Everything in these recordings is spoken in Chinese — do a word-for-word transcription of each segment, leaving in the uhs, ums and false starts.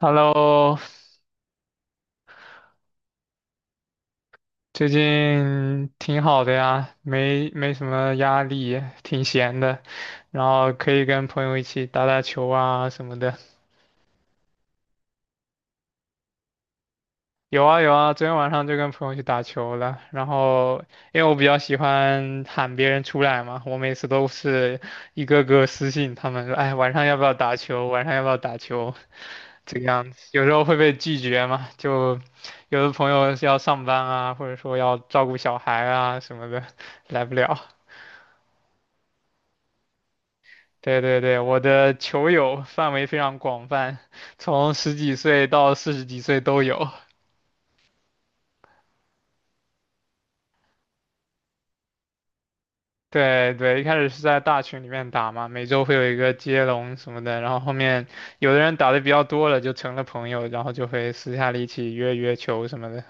Hello，最近挺好的呀，没没什么压力，挺闲的，然后可以跟朋友一起打打球啊什么的。有啊有啊，昨天晚上就跟朋友去打球了。然后因为我比较喜欢喊别人出来嘛，我每次都是一个个私信他们说，哎，晚上要不要打球？晚上要不要打球？这个样子，有时候会被拒绝嘛，就有的朋友是要上班啊，或者说要照顾小孩啊什么的，来不了。对对对，我的球友范围非常广泛，从十几岁到四十几岁都有。对对，一开始是在大群里面打嘛，每周会有一个接龙什么的，然后后面有的人打的比较多了，就成了朋友，然后就会私下里一起约约球什么的。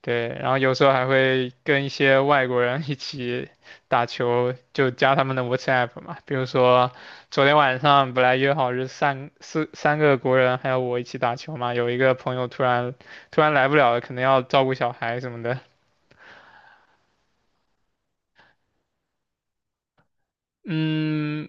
对，然后有时候还会跟一些外国人一起打球，就加他们的 WhatsApp 嘛。比如说昨天晚上本来约好是三四三个国人还有我一起打球嘛，有一个朋友突然突然来不了了，可能要照顾小孩什么的。嗯，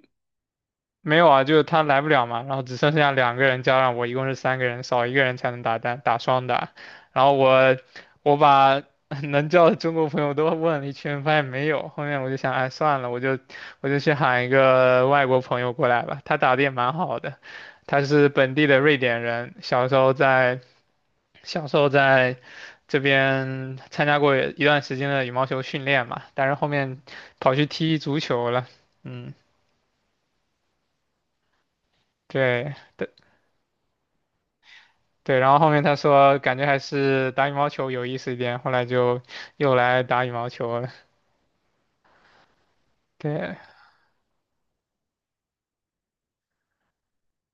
没有啊，就是他来不了嘛，然后只剩下两个人加上我，一共是三个人，少一个人才能打单打双打。然后我我把 能叫的中国朋友都问了一圈，发现没有。后面我就想，哎，算了，我就我就去喊一个外国朋友过来吧。他打的也蛮好的，他是本地的瑞典人，小时候在小时候在这边参加过一段时间的羽毛球训练嘛，但是后面跑去踢足球了。嗯，对。对，然后后面他说感觉还是打羽毛球有意思一点，后来就又来打羽毛球了。对，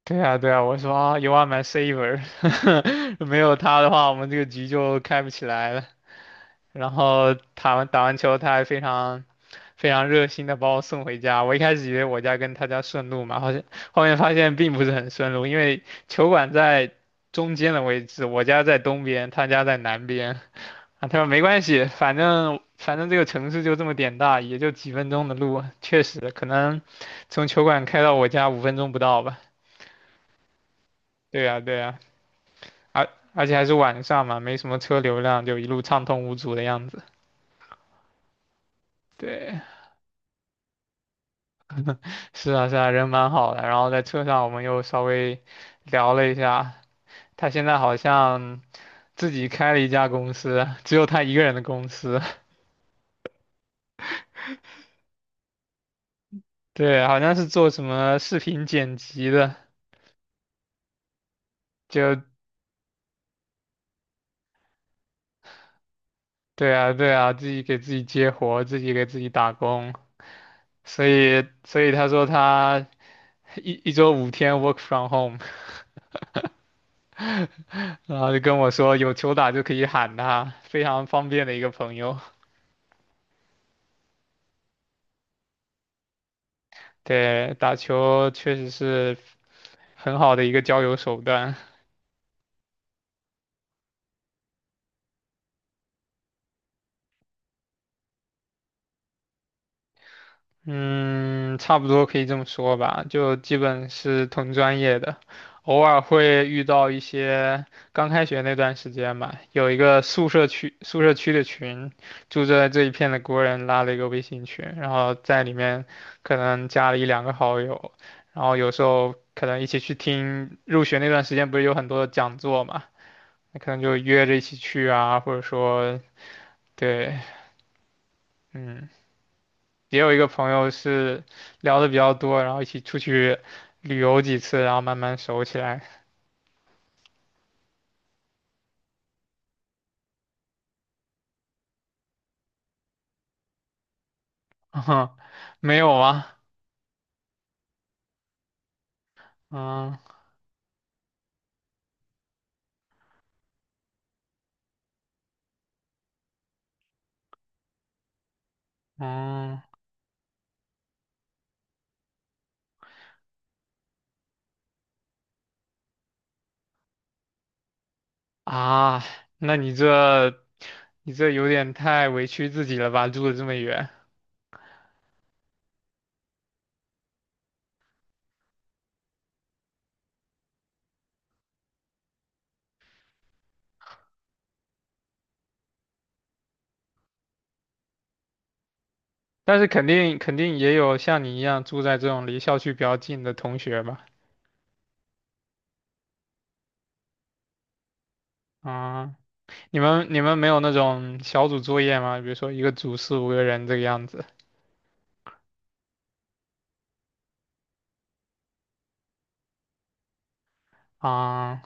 对啊，对啊，我说啊，You are my saver，没有他的话，我们这个局就开不起来了。然后打完打完球，他还非常非常热心的把我送回家。我一开始以为我家跟他家顺路嘛，好像后面发现并不是很顺路，因为球馆在中间的位置，我家在东边，他家在南边。啊，他说没关系，反正反正这个城市就这么点大，也就几分钟的路，确实可能从球馆开到我家五分钟不到吧。对呀，对呀，而而且还是晚上嘛，没什么车流量，就一路畅通无阻的样子。对，是啊是啊，人蛮好的。然后在车上我们又稍微聊了一下，他现在好像自己开了一家公司，只有他一个人的公司，对，好像是做什么视频剪辑的，就对啊，对啊，自己给自己接活，自己给自己打工，所以，所以他说他一一周五天 work from home，然后就跟我说有球打就可以喊他，非常方便的一个朋友。对，打球确实是很好的一个交友手段。嗯，差不多可以这么说吧，就基本是同专业的，偶尔会遇到一些刚开学那段时间吧，有一个宿舍区宿舍区的群，住在这一片的国人拉了一个微信群，然后在里面可能加了一两个好友，然后有时候可能一起去听入学那段时间不是有很多的讲座嘛，那可能就约着一起去啊，或者说对，嗯。也有一个朋友是聊的比较多，然后一起出去旅游几次，然后慢慢熟起来。没有吗？嗯嗯啊，那你这你这有点太委屈自己了吧？住的这么远，但是肯定肯定也有像你一样住在这种离校区比较近的同学吧？啊，你们你们没有那种小组作业吗？比如说一个组四五个人这个样子啊？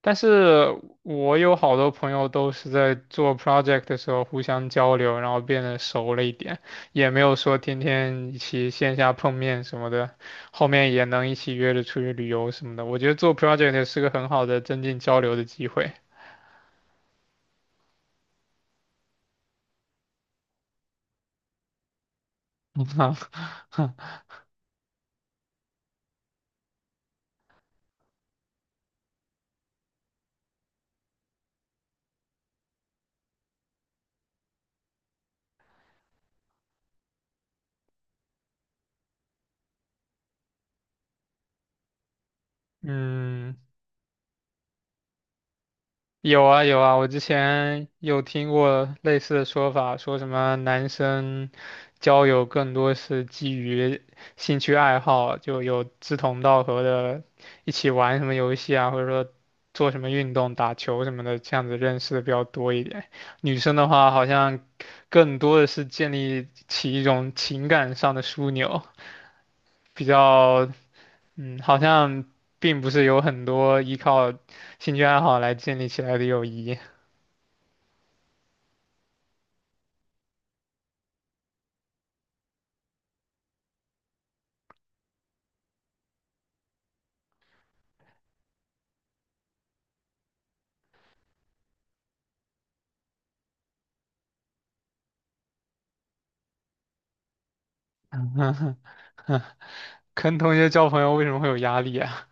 但是我有好多朋友都是在做 project 的时候互相交流，然后变得熟了一点，也没有说天天一起线下碰面什么的，后面也能一起约着出去旅游什么的。我觉得做 project 是个很好的增进交流的机会。嗯，有啊有啊，我之前有听过类似的说法，说什么男生交友更多是基于兴趣爱好，就有志同道合的，一起玩什么游戏啊，或者说做什么运动、打球什么的，这样子认识的比较多一点。女生的话，好像更多的是建立起一种情感上的枢纽，比较嗯，好像并不是有很多依靠兴趣爱好来建立起来的友谊。跟同学交朋友为什么会有压力啊？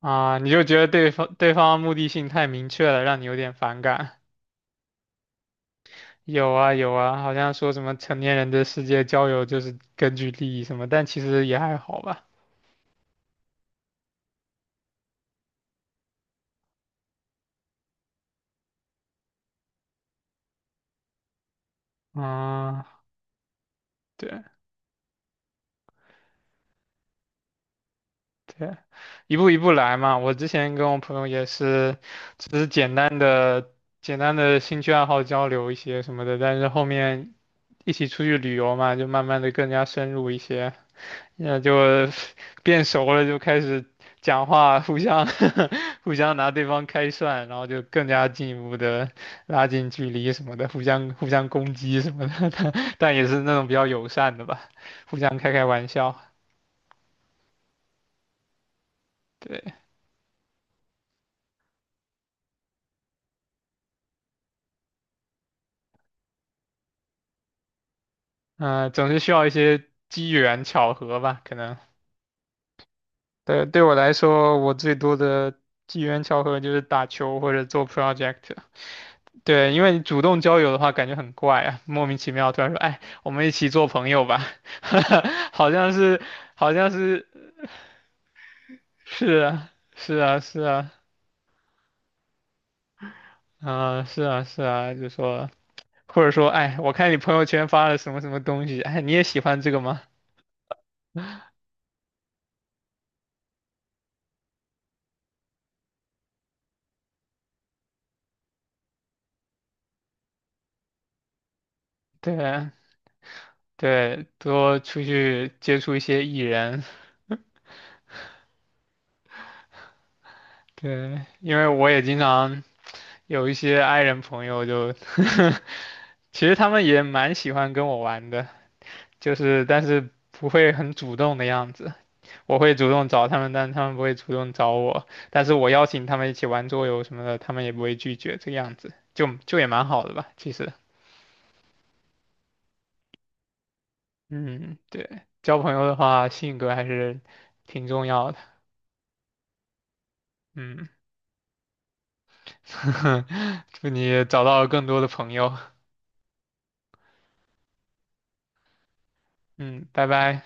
啊，你就觉得对方对方目的性太明确了，让你有点反感。有啊有啊，好像说什么成年人的世界交友就是根据利益什么，但其实也还好吧。嗯，对对，一步一步来嘛。我之前跟我朋友也是，只是简单的简单的兴趣爱好交流一些什么的，但是后面一起出去旅游嘛，就慢慢的更加深入一些。那就变熟了，就开始讲话，互相 互相拿对方开涮，然后就更加进一步的拉近距离什么的，互相互相攻击什么的，但但也是那种比较友善的吧，互相开开玩笑。对，嗯、总是需要一些机缘巧合吧，可能。对，对我来说，我最多的机缘巧合就是打球或者做 project。对，因为你主动交友的话，感觉很怪啊，莫名其妙突然说，哎，我们一起做朋友吧，好像是，好像是，是啊，是啊，是啊，啊、是啊，是啊，就说，或者说，哎，我看你朋友圈发了什么什么东西，哎，你也喜欢这个吗？对啊，对，多出去接触一些艺人，对，因为我也经常有一些 i 人朋友就，其实他们也蛮喜欢跟我玩的。就是但是不会很主动的样子。我会主动找他们，但他们不会主动找我。但是我邀请他们一起玩桌游什么的，他们也不会拒绝，这个样子就就也蛮好的吧，其实。嗯，对，交朋友的话，性格还是挺重要的。嗯，祝你找到更多的朋友。嗯，拜拜。